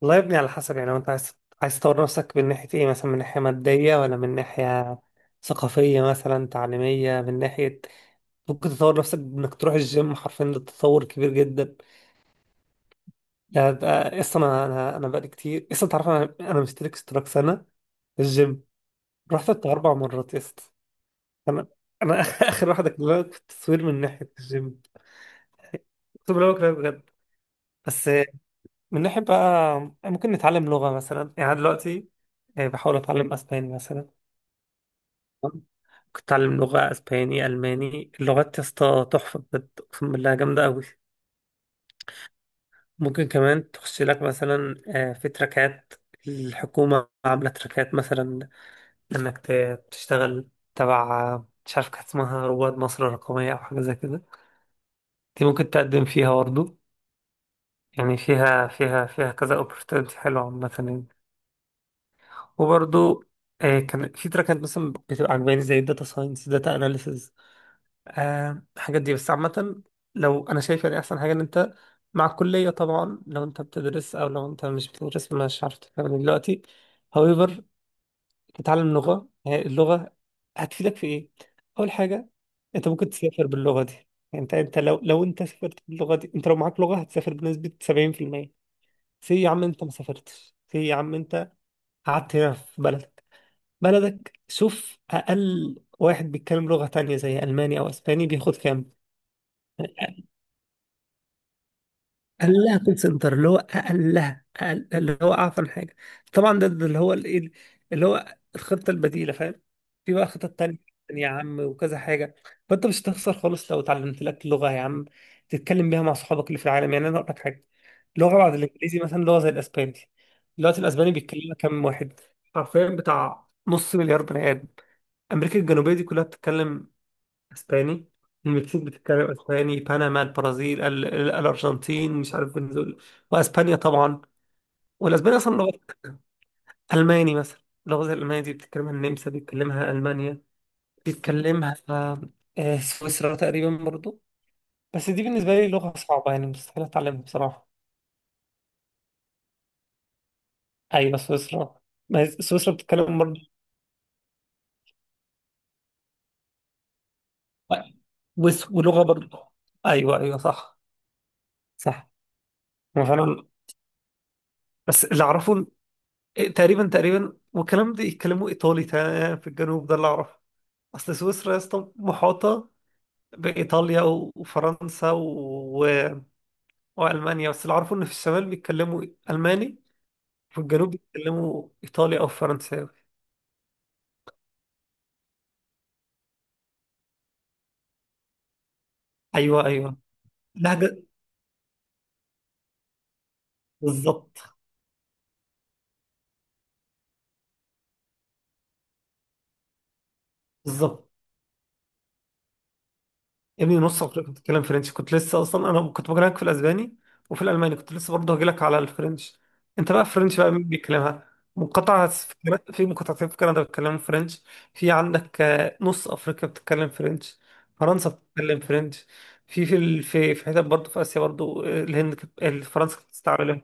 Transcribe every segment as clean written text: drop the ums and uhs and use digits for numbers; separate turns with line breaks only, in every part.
والله يا ابني على حسب يعني. لو انت عايز تطور نفسك من ناحية ايه؟ مثلا من ناحية مادية ولا من ناحية ثقافية مثلا تعليمية من ناحية. ممكن تطور نفسك بانك تروح الجيم، حرفيا ده تطور كبير جدا. يعني اصلا انا انا أنا بقالي كتير اصلا، تعرف انا مشترك اشتراك سنه في الجيم، رحت بتاع 4 مرات يا اسطى. انا، انا اخر واحده كلها في التصوير من ناحيه الجيم، اقسم بالله بكره بجد. بس من ناحيه بقى، ممكن نتعلم لغه مثلا، يعني أنا دلوقتي بحاول اتعلم اسباني مثلا. كنت اتعلم لغه اسباني، الماني. اللغات يا اسطى تحفه بجد، اقسم بالله جامده قوي. ممكن كمان تخش لك مثلا في تراكات، الحكومة عاملة تراكات مثلا، إنك تشتغل تبع، مش عارف كانت اسمها رواد مصر الرقمية أو حاجة زي كده. دي ممكن تقدم فيها برضه. يعني فيها كذا opportunity حلوة عامة يعني، وبرضه كان في تراكات مثلا بتبقى عجباني زي الداتا ساينس، داتا أناليسز، آه الحاجات دي. بس عامة لو أنا شايف يعني أحسن حاجة، إن أنت مع الكلية طبعا لو أنت بتدرس، أو لو أنت مش بتدرس مش عارف، تتكلم دلوقتي however تتعلم لغة. هي اللغة هتفيدك في إيه؟ أول حاجة، أنت ممكن تسافر باللغة دي. يعني أنت لو لو أنت سافرت باللغة دي، أنت لو معاك لغة هتسافر بنسبة 70%. سي يا عم أنت ما سافرتش، سي يا عم أنت قعدت هنا في بلدك، بلدك. شوف أقل واحد بيتكلم لغة تانية زي ألماني أو أسباني بياخد كام. اقلها كول سنتر، اللي هو اقلها، أقل اللي هو اعفن حاجه طبعا. ده اللي هو الايه، اللي هو الخطه البديله، فاهم؟ في بقى خطط تانية يا عم وكذا حاجه، فانت مش هتخسر خالص لو اتعلمت لك لغه يا عم، تتكلم بيها مع صحابك اللي في العالم. يعني انا اقول لك حاجه، لغه بعد الانجليزي مثلا، لغه زي الاسباني. دلوقتي الاسباني بيتكلمها كام واحد؟ حرفيا بتاع نص مليار بني ادم. امريكا الجنوبيه دي كلها بتتكلم اسباني، المكسيك بتتكلم اسباني، بنما، البرازيل، الارجنتين، مش عارف فنزويلا، واسبانيا طبعا. والاسباني اصلا لغه. الماني مثلا، اللغه زي الالمانيه دي بتتكلمها النمسا، بيتكلمها المانيا، بيتكلمها سويسرا تقريبا برضو. بس دي بالنسبه لي لغه صعبه، يعني مستحيل اتعلمها بصراحه. ايوه سويسرا، ما هي سويسرا بتتكلم برضو. ولغه برضو. ايوه ايوه صح. صح. هو فعلا. بس اللي اعرفه تقريبا تقريبا والكلام ده يتكلموا ايطالي، في الجنوب، ده اللي اعرفه. اصل سويسرا يا اسطى محاطه بايطاليا وفرنسا و... والمانيا. بس اللي اعرفه ان في الشمال بيتكلموا الماني، وفي الجنوب بيتكلموا ايطالي او فرنساوي. ايوه ايوه لهجه بالظبط. بالظبط. يا ابني نص عمرك كنت بتتكلم فرنش كنت لسه، اصلا انا كنت بكلمك في الاسباني وفي الالماني كنت لسه، برضه هجيلك على الفرنش. انت بقى فرنش بقى مين بيتكلمها؟ مقاطعة في في مقاطعتين في كندا بيتكلموا فرنش. في عندك نص افريقيا بتتكلم فرنش، فرنسا بتتكلم فرنش. في في حتت برضه في اسيا برضه، الهند فرنسا كانت بتستعملها.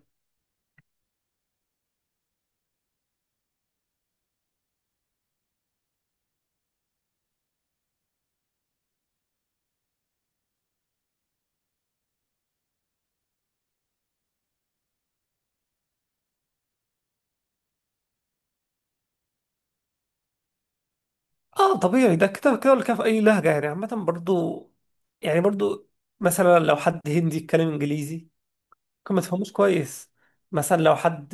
اه طبيعي ده، كده كده ولا كده في اي لهجة يعني. عامة برضه، يعني برضه مثلا لو حد هندي يتكلم انجليزي ممكن ما تفهموش كويس. مثلا لو حد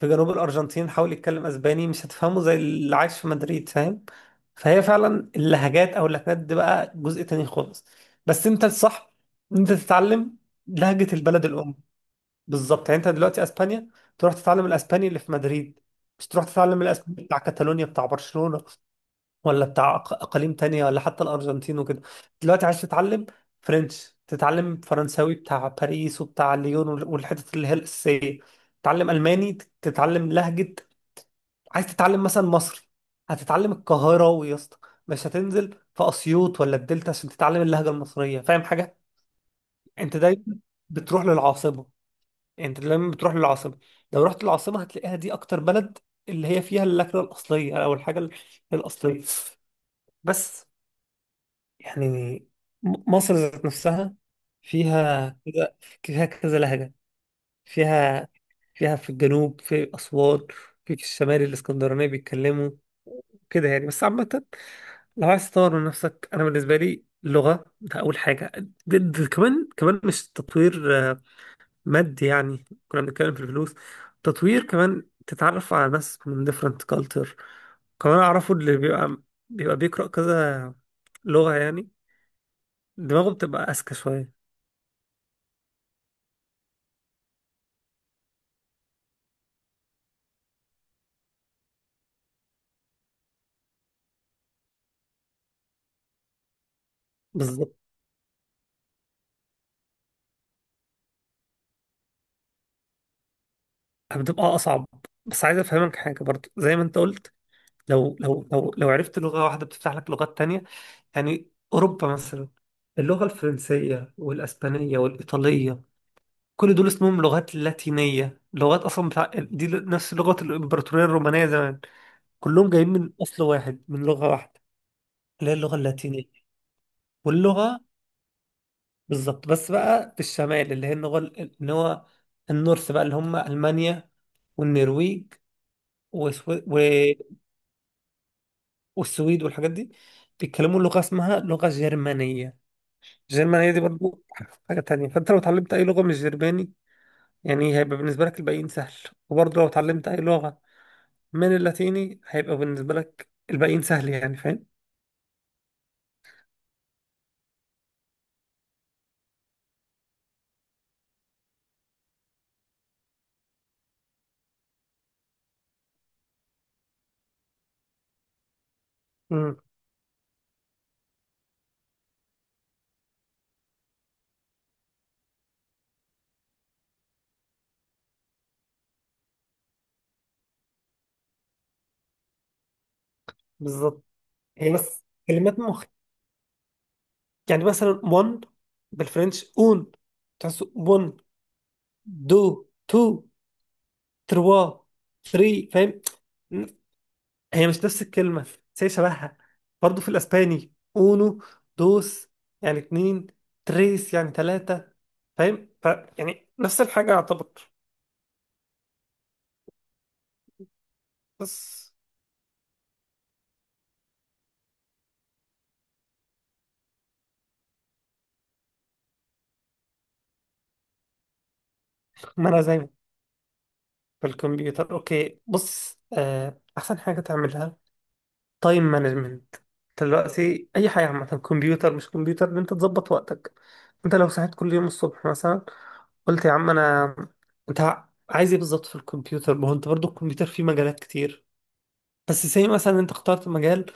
في جنوب الأرجنتين حاول يتكلم أسباني، مش هتفهمه زي اللي عايش في مدريد، فاهم؟ فهي فعلا اللهجات، أو اللهجات دي بقى جزء تاني خالص. بس أنت الصح، إن أنت تتعلم لهجة البلد الأم. بالظبط. يعني أنت دلوقتي أسبانيا، تروح تتعلم الأسباني اللي في مدريد، مش تروح تتعلم الأسباني بتاع كاتالونيا، بتاع برشلونة، ولا بتاع اقاليم تانية، ولا حتى الارجنتين وكده. دلوقتي عايز تتعلم فرنش، تتعلم فرنساوي بتاع باريس وبتاع ليون والحتت اللي هي الاساسيه. تتعلم الماني تتعلم لهجه. عايز تتعلم مثلا مصري، هتتعلم القاهرة يا اسطى، مش هتنزل في أسيوط ولا الدلتا عشان تتعلم اللهجة المصرية، فاهم حاجة؟ أنت دايما بتروح للعاصمة، أنت دايما بتروح للعاصمة. لو رحت العاصمة هتلاقيها دي أكتر بلد اللي هي فيها اللكنة الأصلية، أو الحاجة الأصلية. بس يعني مصر ذات نفسها فيها كذا، فيها كذا لهجة. فيها، في الجنوب في أسوان، في في الشمال الإسكندرانية بيتكلموا كده يعني. بس عامة لو عايز تطور من نفسك، أنا بالنسبة لي اللغة ده أول حاجة. ده كمان كمان مش تطوير مادي يعني، كنا بنتكلم في الفلوس. تطوير كمان تتعرف على ناس من different culture. كمان أعرفه اللي بيبقى بيقرأ كذا لغة يعني، دماغه بتبقى أذكى شوية. بالظبط. بتبقى اصعب. بس عايز افهمك حاجه برضو زي ما انت قلت، لو عرفت لغه واحده بتفتح لك لغات تانية. يعني اوروبا مثلا، اللغه الفرنسيه والاسبانيه والايطاليه، كل دول اسمهم لغات لاتينيه، لغات اصلا بتاع دي نفس لغه الامبراطوريه الرومانيه زمان. كلهم جايين من اصل واحد، من لغه واحده اللي هي اللغه اللاتينيه. واللغه بالظبط. بس بقى في الشمال اللي هي اللغه اللي هو النورث بقى، اللي هم المانيا والنرويج، وسو... والسويد والحاجات دي، بيتكلموا لغة اسمها لغة جرمانية. الجرمانية دي برضو حاجة تانية. فانت لو اتعلمت اي لغة مش جرماني يعني، هيبقى بالنسبة لك الباقيين سهل. وبرضو لو اتعلمت اي لغة من اللاتيني هيبقى بالنسبة لك الباقيين سهل، يعني فاهم. امم بالظبط. هي بس كلمات مخ. يعني مثلا one بالفرنش اون، تحسه one. دو، تو، تروا، ثري، فاهم. هي مش نفس الكلمة بس هي شبهها. برضه في الأسباني أونو، دوس يعني اتنين، تريس يعني تلاتة، فاهم. يعني نفس الحاجة يعتبر. بس ما أنا زي، في الكمبيوتر أوكي. بص، أحسن حاجة تعملها تايم مانجمنت. دلوقتي أي حاجة عامة، كمبيوتر مش كمبيوتر، إن أنت تظبط وقتك. أنت لو صحيت كل يوم الصبح مثلا قلت يا عم، أنا، أنت عايز إيه بالظبط في الكمبيوتر؟ ما هو أنت برضه الكمبيوتر فيه مجالات كتير. بس زي مثلا انت اخترت مجال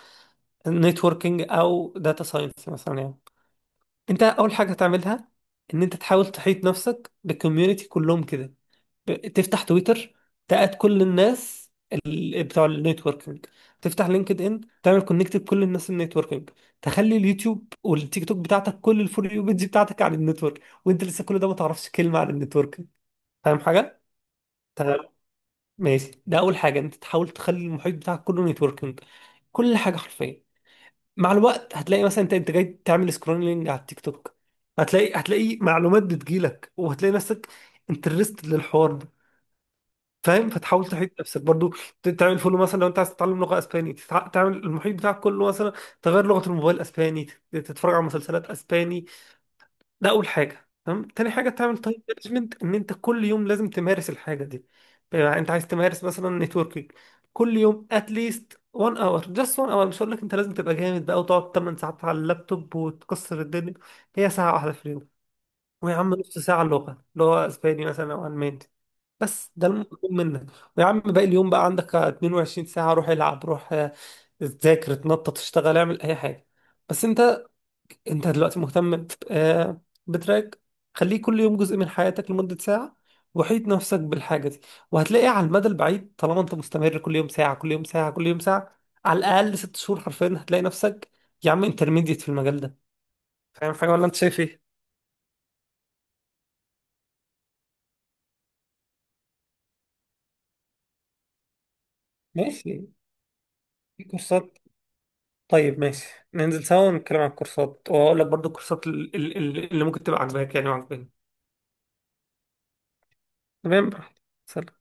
نتوركينج او داتا ساينس مثلا يعني. انت اول حاجه تعملها ان انت تحاول تحيط نفسك بالكوميونتي كلهم كده. تفتح تويتر، تقعد كل الناس بتوع النتوركينج. تفتح لينكد ان تعمل كونكت بكل الناس النتوركينج. تخلي اليوتيوب والتيك توك بتاعتك، كل الفور يو بيج بتاعتك عن النتورك، وانت لسه كل ده ما تعرفش كلمه عن النتوركينج. فاهم حاجه؟ تمام ماشي. ده اول حاجه، انت تحاول تخلي المحيط بتاعك كله نتوركينج، كل حاجه حرفيا. مع الوقت هتلاقي مثلا انت جاي تعمل سكرولينج على التيك توك، هتلاقي معلومات بتجيلك، وهتلاقي نفسك انترستد للحوار ده، فاهم؟ فتحاول تحيط نفسك برضو، تعمل فولو مثلا. لو انت عايز تتعلم لغه اسباني، تعمل المحيط بتاعك كله مثلا، تغير لغه الموبايل اسباني، تتفرج على مسلسلات اسباني. ده اول حاجه تمام. تاني حاجه، تعمل تايم مانجمنت، ان انت كل يوم لازم تمارس الحاجه دي. بقى انت عايز تمارس مثلا نتوركينج، كل يوم اتليست 1 اور، جاست 1 اور. مش هقول لك انت لازم تبقى جامد بقى وتقعد 8 ساعات على اللابتوب وتكسر الدنيا، هي ساعه واحده في اليوم. ويا عم نص ساعه اللغه اللي هو اسباني مثلا او الماني، بس ده المطلوب منك. ويا عم باقي اليوم بقى عندك 22 ساعه، روح العب، روح ذاكر، اتنطط، اشتغل، اعمل اي حاجه. بس انت دلوقتي مهتم بتراك، خليه كل يوم جزء من حياتك لمدة ساعة. وحيد نفسك بالحاجة دي، وهتلاقي على المدى البعيد طالما انت مستمر كل يوم ساعة، كل يوم ساعة، كل يوم ساعة، على الأقل 6 شهور حرفيا، هتلاقي نفسك يا عم انترميديت في المجال ده. فاهم حاجة ولا انت شايف ايه؟ ماشي. في كورسات، طيب ماشي، ننزل سوا ونتكلم عن الكورسات، وأقول لك برضو الكورسات اللي ممكن تبقى عاجباك يعني وعاجباني. تمام براحتك. سلام.